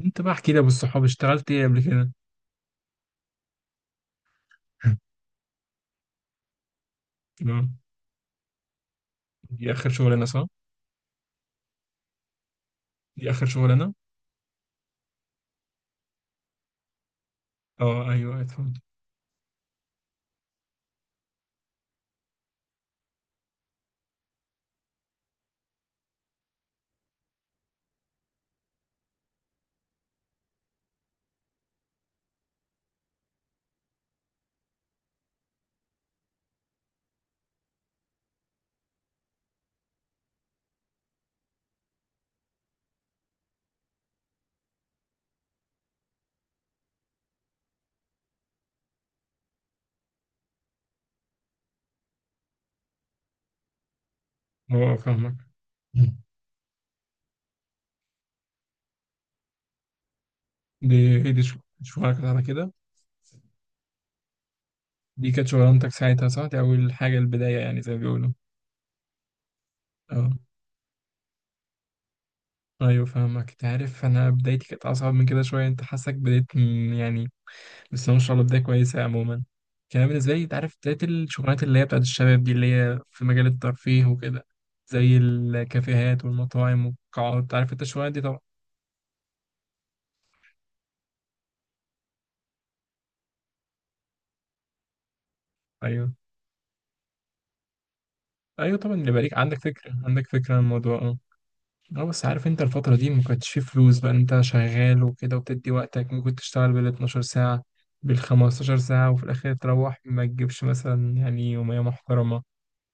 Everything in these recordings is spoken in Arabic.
انت بقى احكي لي يا ابو الصحاب اشتغلت ايه قبل كده؟ تمام. دي اخر شغلانه صح؟ دي اخر شغلانه. اه ايوه اتفضل. اه فاهمك. دي هي دي شغ- شغلك كانت على كده؟ دي كانت شغلانتك ساعتها صح؟ دي اول حاجه البدايه يعني زي ما بيقولوا. اه ايوه فاهمك، انت عارف انا بدايتي كانت اصعب من كده شويه، انت حاسك يعني بس ما شاء الله بدايه كويسه عموما. كان بالنسبه لي، انت عارف، بدايه الشغلانات اللي هي بتاعت الشباب دي اللي هي في مجال الترفيه وكده، زي الكافيهات والمطاعم والقاعات، عارف انت الشغلانات دي طبعا. ايوه، ايوه طبعا، اللي بالك، عندك فكره عن الموضوع، اه. اه بس عارف انت الفتره دي ما كانتش فيه فلوس بقى، انت شغال وكده وبتدي وقتك، ممكن تشتغل بال 12 ساعه بال 15 ساعه، وفي الاخر تروح ما تجيبش مثلا يعني يوميه محترمه،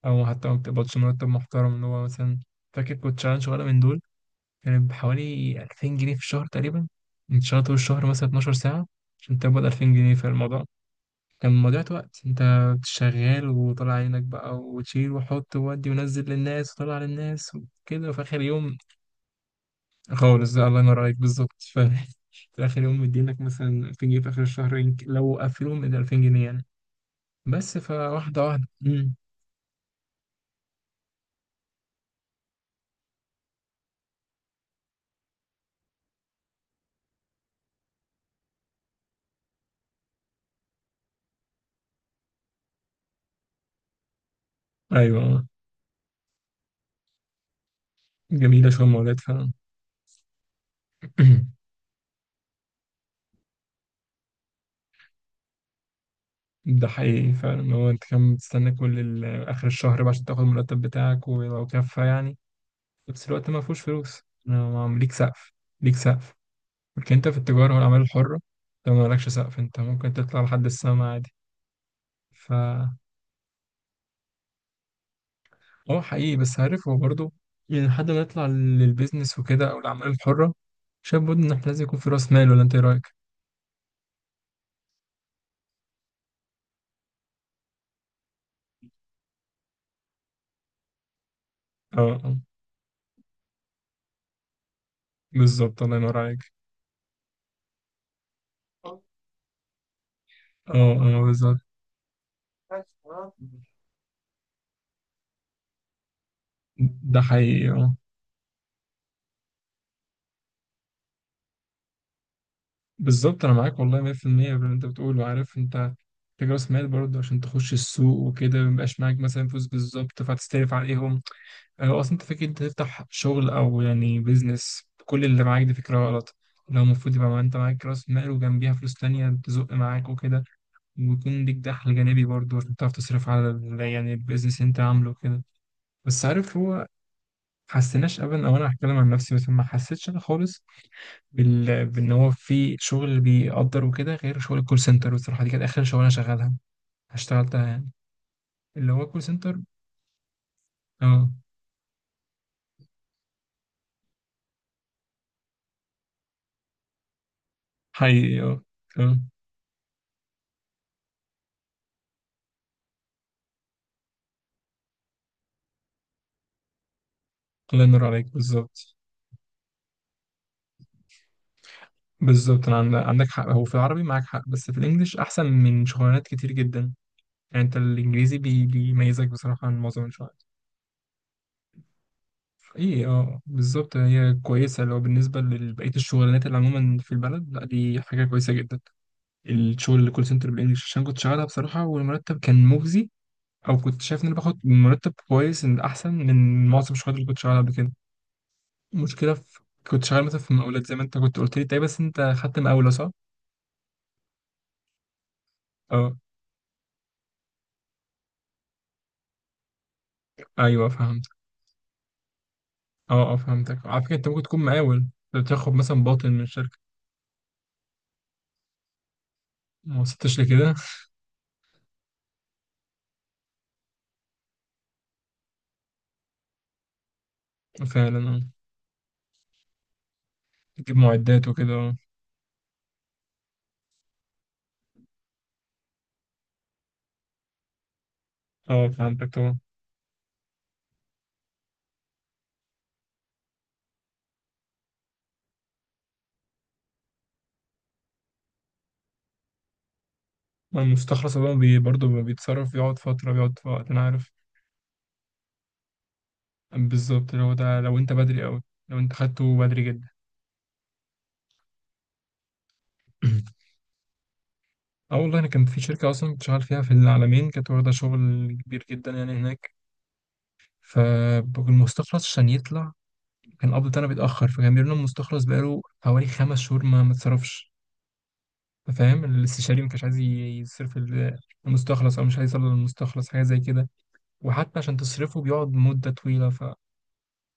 او حتى ما بتقبضش مرتب محترم، اللي هو مثلا، فاكر كنت شغال شغاله من دول كانت بحوالي 2000 جنيه في الشهر تقريبا. انت شغال طول الشهر مثلا 12 ساعه عشان تقبض 2000 جنيه، في الموضوع كان مضيعة وقت. انت شغال وطلع عينك بقى وتشيل وحط وودي ونزل للناس وطلع للناس وكده، وفي اخر يوم خالص، ده الله ينور عليك بالظبط. في اخر يوم مدينك مثلا 2000 جنيه، في اخر الشهر لو قفلوهم من 2000 جنيه يعني، بس فواحدة واحدة. مم. ايوه جميلة شوية المولات فعلا. ده حقيقي فعلا، هو انت كان بتستنى اخر الشهر بقى عشان تاخد المرتب بتاعك، ولو كفى يعني، في نفس الوقت ما فيهوش فلوس. أنا ما- ليك سقف، ليك سقف، لكن انت في التجارة والأعمال الحرة انت مالكش سقف، انت ممكن تطلع لحد السما عادي. ف اه حقيقي، بس عارف هو برضه يعني لحد ما نطلع للبيزنس وكده أو الأعمال الحرة، شايف برضه إن احنا لازم يكون في رأس مال، ولا انت ايه رأيك؟ اه، اه بالظبط، الله ينور عليك. اه، اه بالظبط. ده حقيقي، اه بالظبط. انا معاك والله 100% باللي انت بتقوله. عارف انت، محتاج راس مال برضه عشان تخش السوق وكده، ميبقاش معاك مثلا فلوس بالظبط فهتستلف عليهم. هو أصلا أنت فكرة أنت تفتح شغل أو يعني بيزنس بكل اللي معاك، دي فكرة غلط. لو المفروض يبقى أنت معاك رأس مال وجنبيها فلوس تانية تزق معاك وكده، ويكون ليك دخل جانبي برضه عشان تعرف تصرف على يعني البيزنس اللي أنت عامله وكده. بس عارف هو ما حسيناش أبدا، أو أنا هتكلم عن نفسي، بس ما حسيتش أنا خالص بإن هو في شغل بيقدر وكده غير شغل الكول سنتر. بصراحة دي كانت آخر شغلانة شغالها، اشتغلتها يعني، اللي هو الكول سنتر. أه حقيقي. أه. أه، الله ينور عليك بالظبط. بالظبط، انا عندك حق، هو في العربي معاك حق، بس في الانجليش احسن من شغلانات كتير جدا، يعني انت الانجليزي بي بيميزك بصراحه عن معظم الشغلات. ايه اه بالظبط، هي كويسه لو بالنسبه لبقيه الشغلانات اللي عموما في البلد، لا دي حاجه كويسه جدا. الشغل اللي كول سنتر بالانجليش، عشان كنت شغالها بصراحه والمرتب كان مجزي، او كنت شايف ان انا باخد مرتب كويس، ان احسن من معظم الشغلات اللي كنت شغالها قبل كده. المشكله في، كنت شغال مثلا في مقاولات زي ما انت كنت قلت لي، طيب بس انت خدت مقاوله صح؟ اه ايوه فهمت. اه اه فهمتك، على فكرة انت ممكن تكون مقاول، انت بتاخد مثلا باطن من شركة. ما وصلتش لكده. فعلا اه. تجيب معدات وكده، اه. اه فهمتك طبعا. ما المستخلص ده بيتصرف، بيقعد فترة، بيقعد في وقت، انا عارف. بالظبط، لو ده، لو انت بدري قوي، لو انت خدته بدري جدا. اه والله انا كان في شركة اصلا كنت شغال فيها في العالمين، كانت واخدة شغل كبير جدا يعني هناك، فالمستخلص عشان يطلع كان قبض انا بيتأخر، فكان بيقول لنا المستخلص بقاله حوالي 5 شهور ما اتصرفش. فاهم، الاستشاري ما كانش عايز يصرف المستخلص، او مش عايز يصل للمستخلص، حاجه زي كده. وحتى عشان تصرفه بيقعد مده طويله، فمين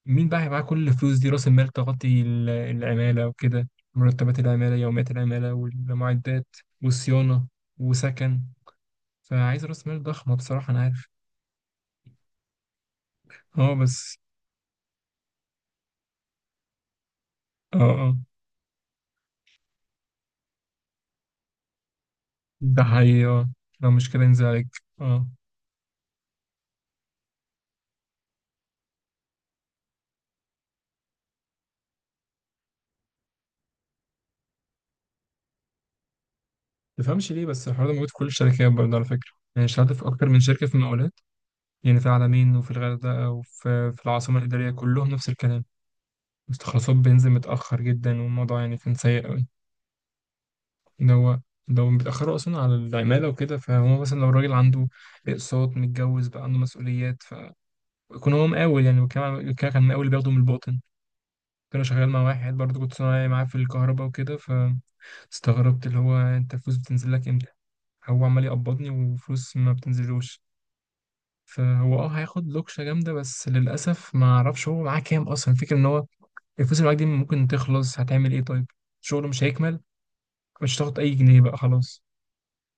بقى هيبقى معاه كل الفلوس دي، راس المال تغطي العماله وكده، مرتبات العماله، يوميات العماله، والمعدات، والصيانه، وسكن. فعايز راس مال ضخمه بصراحه، انا عارف. اه بس. اه، اه. ده حقيقي اه. لو مش كده ينزل عليك. اه. تفهمش ليه بس الحوار ده موجود في كل الشركات برضه على فكره، يعني اشتغلت في اكتر من شركه في المقاولات يعني، في العلمين وفي الغردقة وفي العاصمة الإدارية، كلهم نفس الكلام، مستخلصات بنزين متأخر جدا، والموضوع يعني كان سيء أوي. إن هو، لو بيتأخروا أصلا على العمالة وكده، فهو مثلا لو الراجل عنده أقساط، متجوز بقى، عنده مسؤوليات، فكون هو مقاول يعني، وكمان كان مقاول بياخده من الباطن. كنت أنا شغال مع واحد برضه، كنت صنايعي معاه في الكهرباء وكده، فاستغربت اللي هو أنت الفلوس بتنزل لك إمتى؟ هو عمال يقبضني وفلوس ما بتنزلوش. فهو اه هياخد لوكشة جامدة، بس للأسف ما أعرفش هو معاه كام أصلا، الفكرة إن هو الفلوس اللي معاك دي ممكن تخلص، هتعمل إيه طيب؟ شغله مش هيكمل، مش هتاخد أي جنيه بقى خلاص.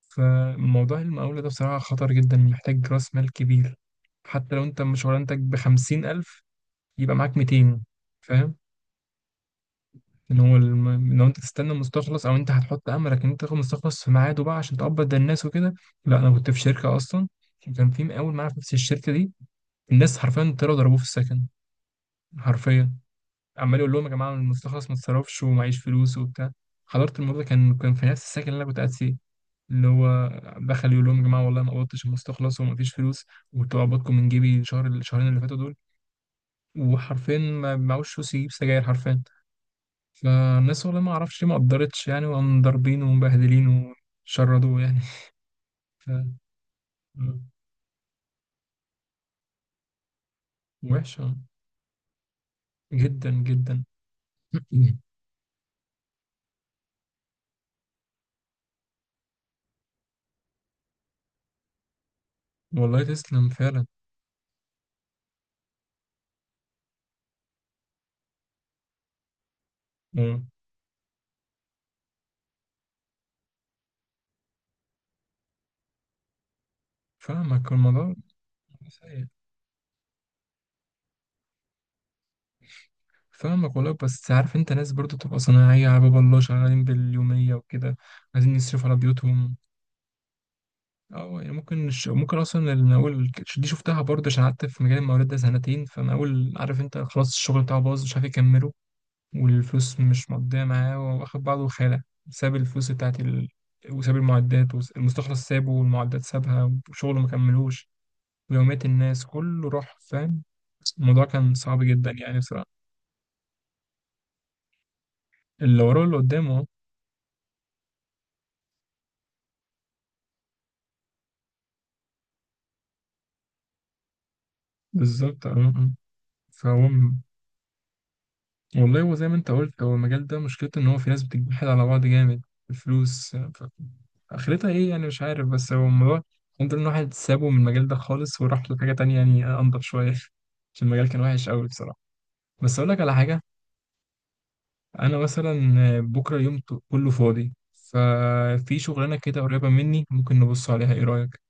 فموضوع المقاولة ده بصراحة خطر جدا، محتاج رأس مال كبير. حتى لو أنت شغلانتك بخمسين ألف، يبقى معاك 200، فاهم. إن هو لو أنت تستنى مستخلص، أو أنت هتحط أملك إن أنت تاخد مستخلص في ميعاده بقى عشان تقبض ده الناس وكده. لا أنا كنت في شركة أصلا، وكان في مقاول معايا في نفس الشركة دي، الناس حرفيا طلعوا ضربوه في السكن، حرفيا. عمال يقول لهم يا جماعه المستخلص ما اتصرفش ومعيش فلوس وبتاع. حضرت الموضوع، كان في نفس السكن اللي انا كنت قاعد فيه، اللي هو دخل يقول لهم يا جماعه والله ما قبضتش المستخلص ومفيش فلوس، وكنت بقبضكم من جيبي الشهر الشهرين اللي فاتوا دول، وحرفيا ما معهوش فلوس يجيب سجاير حرفيا. فالناس والله ما اعرفش ليه ما قدرتش يعني، وقام ضاربينه ومبهدلينه وشردوه يعني. ف وحشه جدا جدا. والله تسلم فعلا. مم. فاهمك الموضوع سيء. فاهمك والله، بس عارف انت ناس برضو تبقى صناعية على باب الله شغالين باليومية وكده، عايزين يصرفوا على بيوتهم. اه، يعني ممكن ممكن اصلا انا اول، دي شفتها برضو عشان قعدت في مجال المقاولات ده سنتين، فانا اول، عارف انت، خلاص الشغل بتاعه باظ، مش عارف يكمله، والفلوس مش مقضية معاه، واخد بعضه وخالع، ساب الفلوس بتاعت وساب المعدات، والمستخلص سابه، والمعدات سابها، وشغله مكملوش، ويوميات الناس كله راح، فاهم. الموضوع كان صعب جدا يعني بصراحة. اللي وراه اللي قدامه. بالظبط، اه اه. فهو م- والله هو زي ما انت قلت، هو المجال ده مشكلته ان هو في ناس بتجحد على بعض جامد، الفلوس اخرتها ايه يعني، مش عارف، بس هو الموضوع، الحمد لله ان واحد سابه من المجال ده خالص وراح لحاجة تانية يعني، انضف شوية. عشان المجال كان وحش قوي بصراحة. بس اقول لك على حاجة، انا مثلا بكرة كله فاضي، ففي شغلانة كده قريبة مني، ممكن نبص عليها، ايه رأيك؟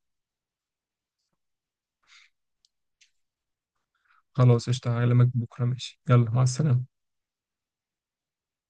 خلاص قشطة، هكلمك بكرة، ماشي، يلا مع السلامة.